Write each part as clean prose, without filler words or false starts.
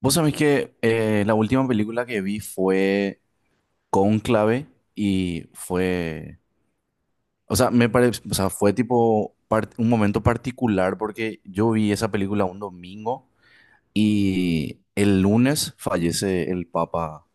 Vos sabés que la última película que vi fue Cónclave y fue, o sea, me parece, o sea, fue tipo un momento particular porque yo vi esa película un domingo y el lunes fallece el Papa,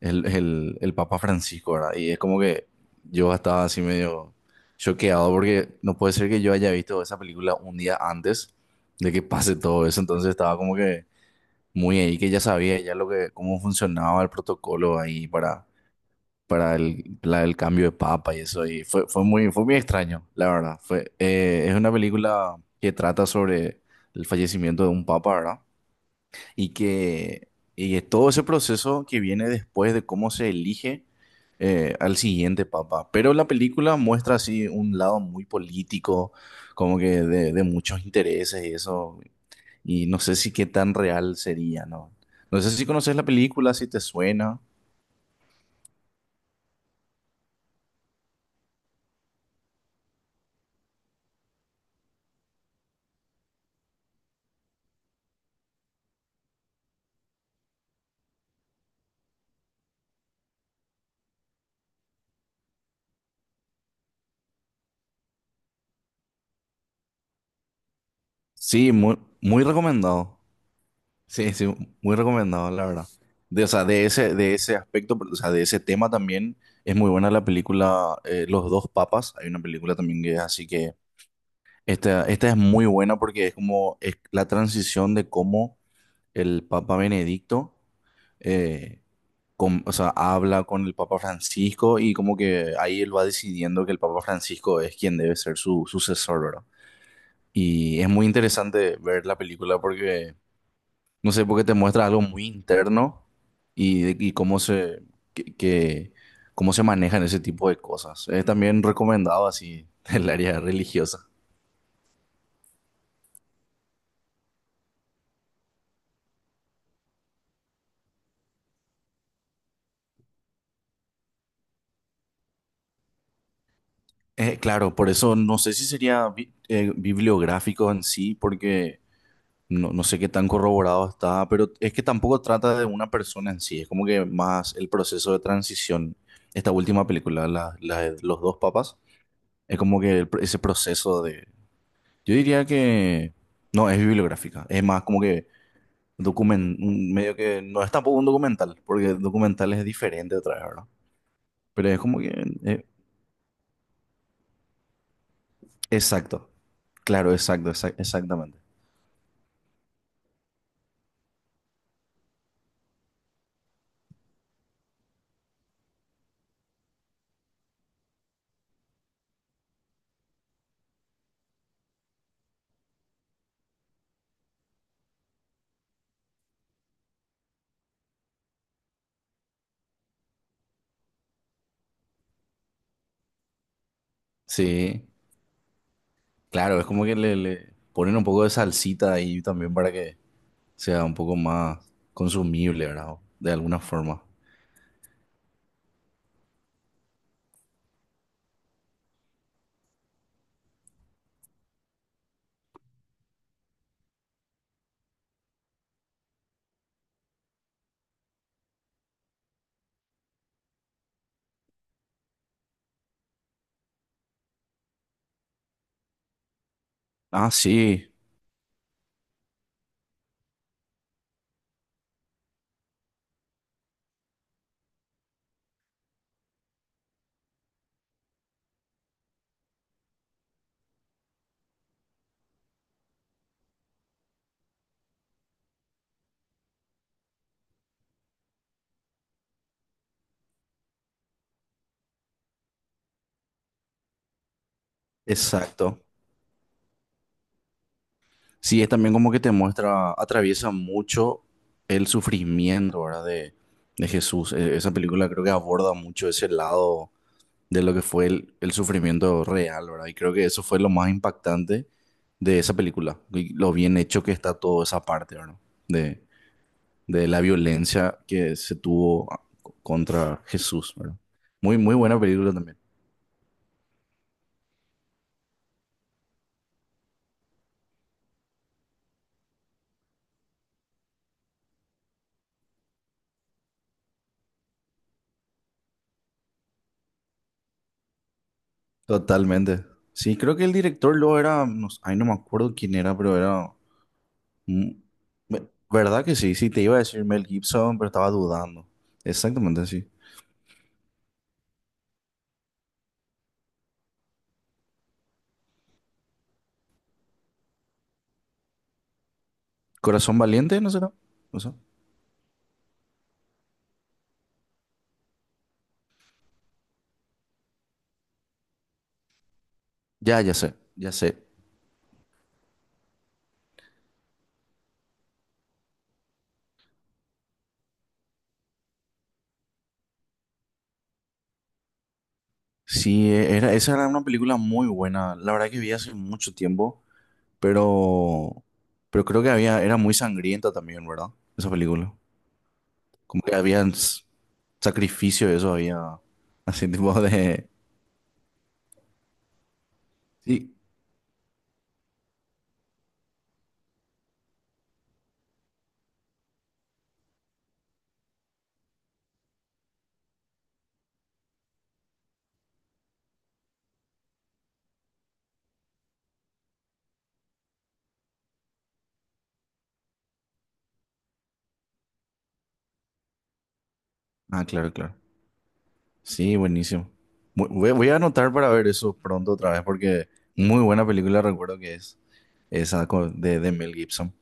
el Papa Francisco, ¿verdad? Y es como que yo estaba así medio choqueado porque no puede ser que yo haya visto esa película un día antes de que pase todo eso, entonces estaba como que muy ahí que ya sabía ya lo que, cómo funcionaba el protocolo ahí para el cambio de papa y eso. Y fue muy extraño, la verdad. Es una película que trata sobre el fallecimiento de un papa, ¿verdad? Y que y es todo ese proceso que viene después de cómo se elige al siguiente papa. Pero la película muestra así un lado muy político, como que de muchos intereses y eso. Y no sé si qué tan real sería, ¿no? No sé si conoces la película, si te suena. Sí, muy, muy recomendado. Sí, sí, muy recomendado, la verdad. De, o sea, de ese aspecto, pero, o sea, de ese tema también es muy buena la película, Los dos papas. Hay una película también que es así que esta es muy buena porque es como es la transición de cómo el Papa Benedicto, eh, o sea, habla con el Papa Francisco, y como que ahí él va decidiendo que el Papa Francisco es quien debe ser su sucesor, ¿verdad? Y es muy interesante ver la película porque, no sé, porque te muestra algo muy interno y, y que, que- cómo se manejan ese tipo de cosas. Es también recomendado así el área religiosa. Claro, por eso no sé si sería bibliográfico en sí, porque no sé qué tan corroborado está, pero es que tampoco trata de una persona en sí, es como que más el proceso de transición. Esta última película, la de los dos papas, es como que ese proceso de. Yo diría que. No, es bibliográfica, es más como que document, medio que. No es tampoco un documental, porque el documental es diferente otra vez, ¿verdad? Pero es como que. eh, exacto, claro, exacto, exactamente. Sí, claro, es como que le ponen un poco de salsita ahí también para que sea un poco más consumible, ¿verdad? De alguna forma. Ah, sí, exacto. Sí, es también como que te muestra, atraviesa mucho el sufrimiento, ¿verdad? De Jesús. Esa película creo que aborda mucho ese lado de lo que fue el sufrimiento real, ¿verdad? Y creo que eso fue lo más impactante de esa película, y lo bien hecho que está toda esa parte, ¿verdad? De, de la violencia que se tuvo contra Jesús, ¿verdad? Muy, muy buena película también. Totalmente. Sí, creo que el director luego era, no, ay, no me acuerdo quién era, pero era, mm, ¿verdad que sí? Sí, te iba a decir Mel Gibson, pero estaba dudando. Exactamente, sí. Corazón Valiente, ¿no será? No sé. Ya, ya sé, ya sé. Sí, esa era una película muy buena. La verdad que vi hace mucho tiempo, pero, pero, creo que había, era muy sangrienta también, ¿verdad? Esa película. Como que había sacrificio, eso había, así tipo de. Sí. Ah, claro, claro. Sí, buenísimo. Voy a anotar para ver eso pronto otra vez porque muy buena película recuerdo que es esa de Mel Gibson.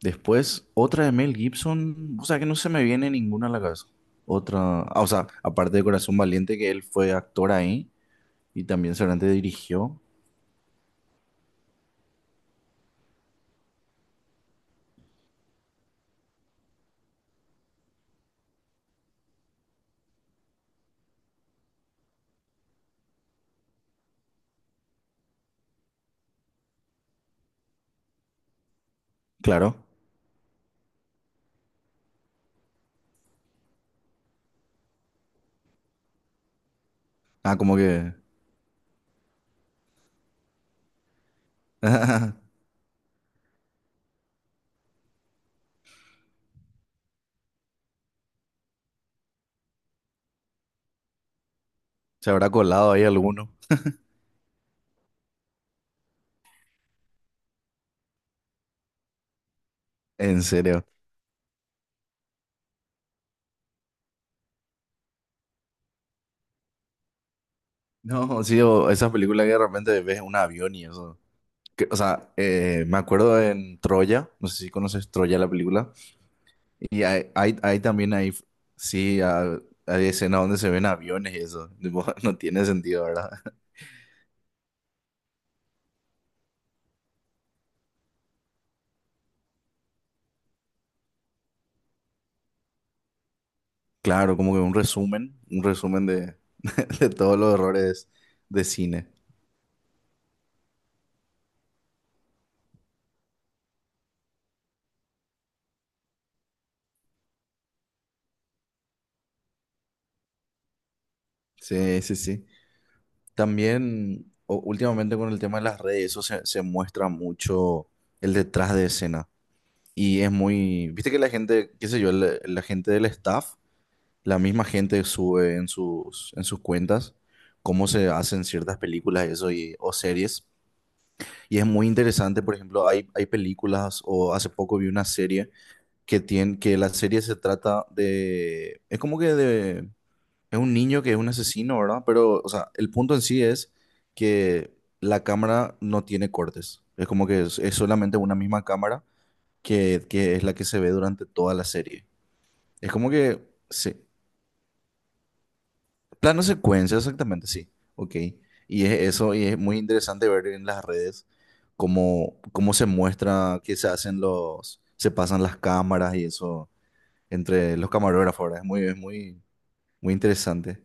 Después, otra de Mel Gibson, o sea que no se me viene ninguna a la cabeza. Otra, ah, o sea, aparte de Corazón Valiente, que él fue actor ahí y también seguramente dirigió. Claro. Ah, como que se habrá colado ahí alguno. En serio. No, sí, o esas películas que de repente ves un avión y eso. O sea, me acuerdo en Troya, no sé si conoces Troya la película, y hay también ahí, sí, ah, hay escenas donde se ven aviones y eso, tipo, no tiene sentido, ¿verdad? Claro, como que un resumen de, de todos los errores de cine. Sí, sí, sí. También, últimamente con el tema de las redes, eso se muestra mucho el detrás de escena. Y es muy, viste que la gente, qué sé yo, la gente del staff, la misma gente sube en sus, cuentas cómo se hacen ciertas películas y eso y, o series. Y es muy interesante, por ejemplo, hay películas o hace poco vi una serie que tiene, que la serie se trata de, es como que de, es un niño que es un asesino, ¿verdad? Pero, o sea, el punto en sí es que la cámara no tiene cortes. Es como que es solamente una misma cámara que es la que se ve durante toda la serie. Es como que sí. Plano secuencia, exactamente, sí. Ok. Y es eso, y es muy interesante ver en las redes cómo se muestra que se hacen los, se pasan las cámaras y eso entre los camarógrafos, ¿verdad? Es, muy, interesante.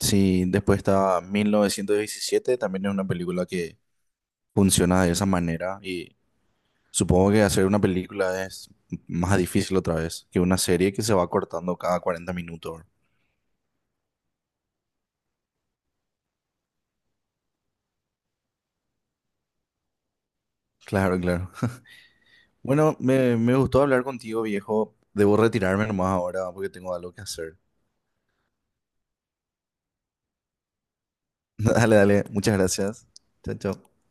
Sí, después está 1917, también es una película que funciona de esa manera, y supongo que hacer una película es más difícil otra vez que una serie que se va cortando cada 40 minutos. Claro, claro. Bueno, me gustó hablar contigo, viejo. Debo retirarme nomás ahora porque tengo algo que hacer. Dale, dale. Muchas gracias. Chao, chao.